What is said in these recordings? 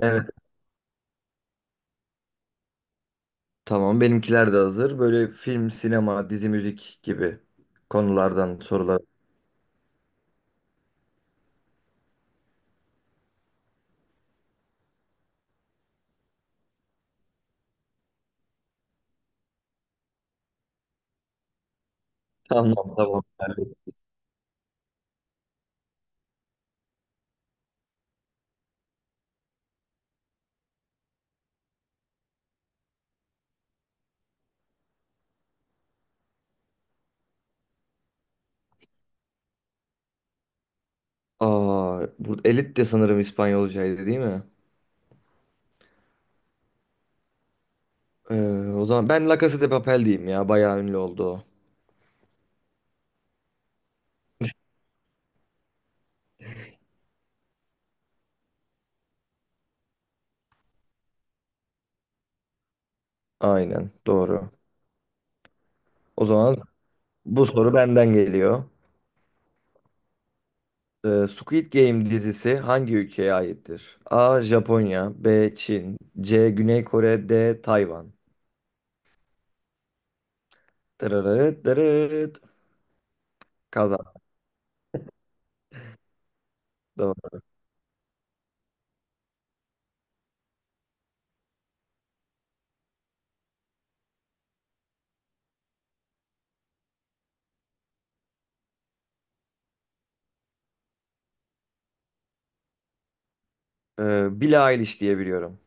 Evet, tamam. Benimkiler de hazır. Böyle film, sinema, dizi, müzik gibi konulardan sorular. Tamam, tamam. Aa, bu Elit de sanırım İspanyolcaydı, değil mi? Ee, O zaman ben La Casa de Papel diyeyim ya. Bayağı ünlü oldu o. Aynen, doğru. O zaman bu soru benden geliyor. Squid Game dizisi hangi ülkeye aittir? A. Japonya, B. Çin, C. Güney Kore, D. Tayvan. Tırırıt tırıt. Kazan. Doğru. Billie Eilish diye biliyorum.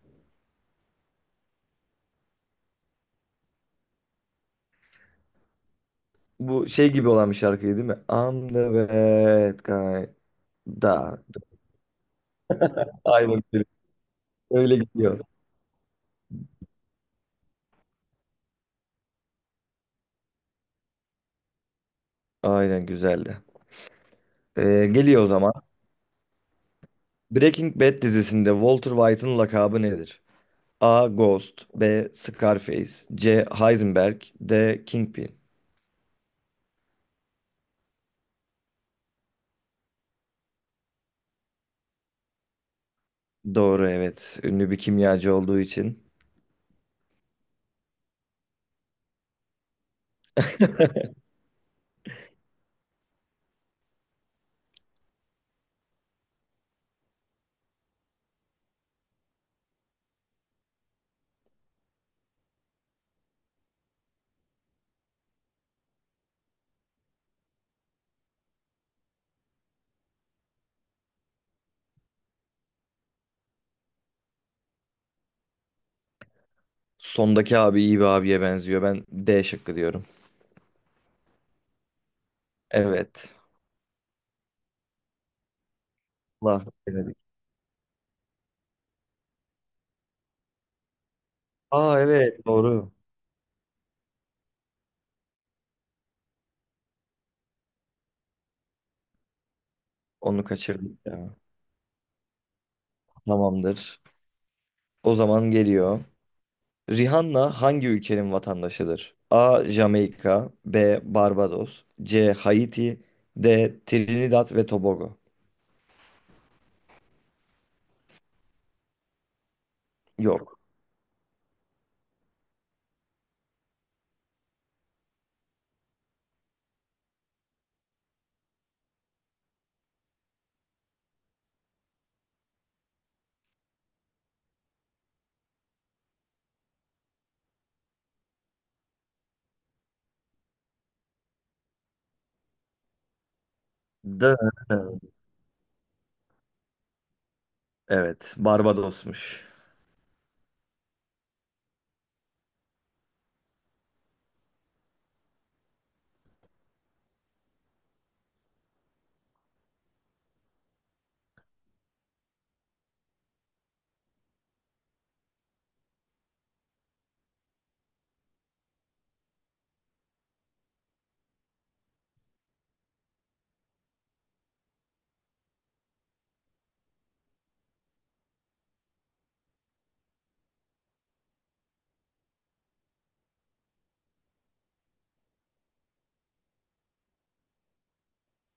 Bu şey gibi olan bir şarkıydı, değil mi? I'm the bad guy. Da, da. Aynen öyle. Öyle gidiyor. Aynen, güzeldi. Geliyor o zaman. Breaking Bad dizisinde Walter White'ın lakabı nedir? A. Ghost, B. Scarface, C. Heisenberg, D. Kingpin. Doğru, evet. Ünlü bir kimyacı olduğu için. Sondaki abi iyi bir abiye benziyor. Ben D şıkkı diyorum. Evet. Allah, bilemedik. Aa, evet, doğru. Onu kaçırdık ya. Tamamdır. O zaman geliyor. Rihanna hangi ülkenin vatandaşıdır? A. Jamaika, B. Barbados, C. Haiti, D. Trinidad ve Tobago. Yok. D. Evet, Barbados'muş.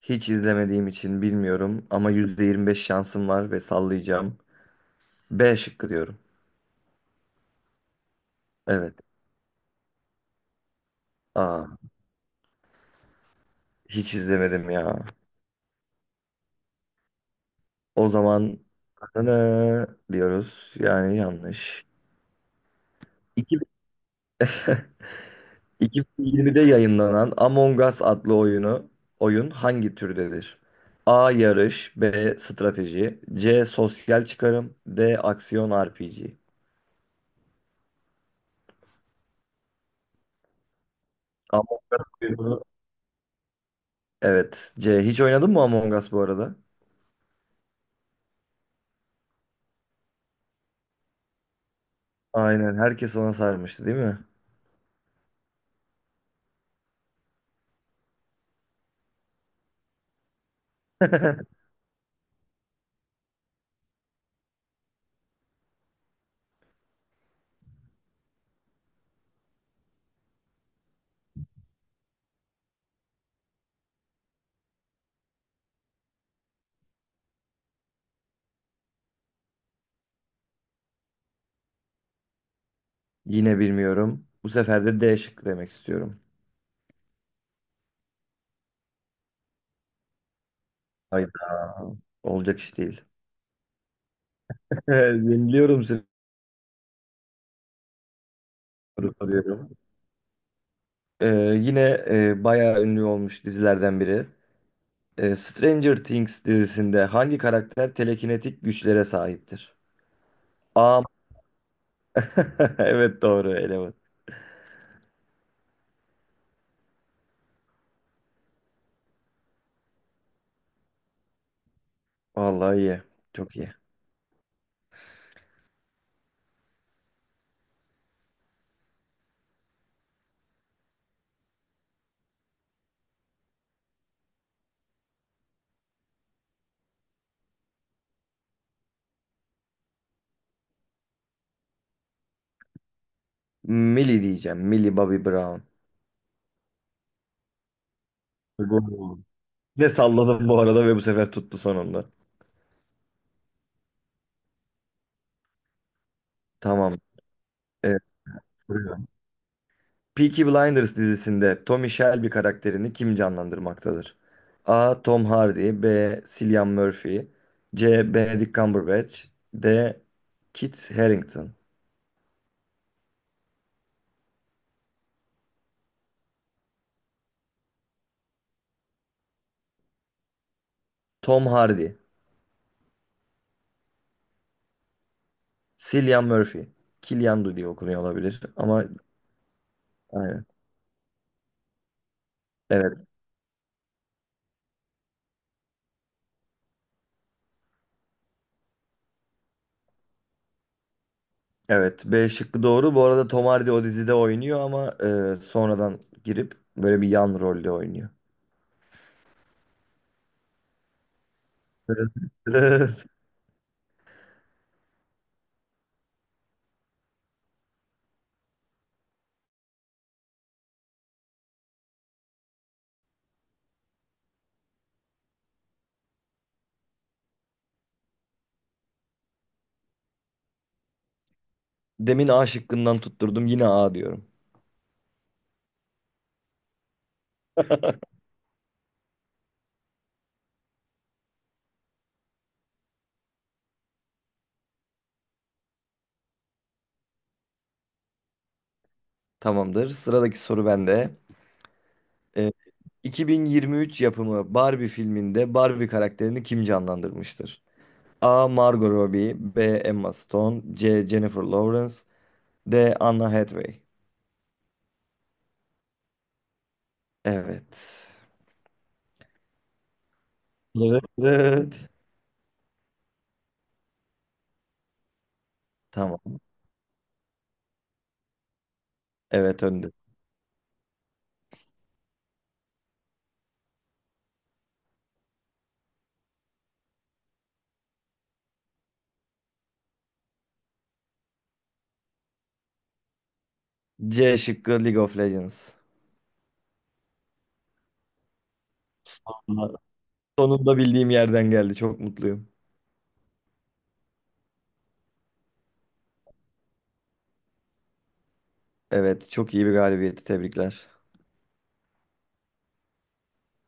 Hiç izlemediğim için bilmiyorum ama %25 şansım var ve sallayacağım. B şıkkı diyorum. Evet. Aa, hiç izlemedim ya. O zaman ne diyoruz? Yani yanlış. 2020'de yayınlanan Among Us adlı oyun hangi türdedir? A. Yarış, B. Strateji, C. Sosyal çıkarım, D. Aksiyon RPG. Among Us'u- Evet. C. Hiç oynadın mı Among Us bu arada? Aynen. Herkes ona sarmıştı, değil mi? Yine bilmiyorum. Bu sefer de D şıkkı demek istiyorum. Hayda. Olacak iş değil. Yeniliyorum seni. Soru soruyorum. Ee, bayağı ünlü olmuş dizilerden biri. Stranger Things dizisinde hangi karakter telekinetik güçlere sahiptir? A. Evet, doğru eleman. Vallahi iyi. Çok iyi. Millie diyeceğim. Millie Bobby Brown. Bu- Ne salladım bu arada ve bu sefer tuttu sonunda. Tamam. E, Duruyor. Peaky Blinders dizisinde Tommy Shelby karakterini kim canlandırmaktadır? A. Tom Hardy, B. Cillian Murphy, C. Benedict Cumberbatch, D. Kit Harington. Tom Hardy. Cillian Murphy. Killian'dı diye okunuyor olabilir ama aynen. Evet, evet. B şıkkı doğru. Bu arada Tom Hardy o dizide oynuyor ama sonradan girip böyle bir yan rolde oynuyor. Evet. Evet. Demin A şıkkından tutturdum. Yine A diyorum. Tamamdır. Sıradaki soru bende. E, 2023 yapımı Barbie filminde Barbie karakterini kim canlandırmıştır? A. Margot Robbie, B. Emma Stone, C. Jennifer Lawrence, D. Anna Hathaway. Evet. Evet. Evet. Tamam. Evet, önde. C şıkkı, League of Legends. Ama sonunda bildiğim yerden geldi. Çok mutluyum. Evet, çok iyi bir galibiyeti. Tebrikler.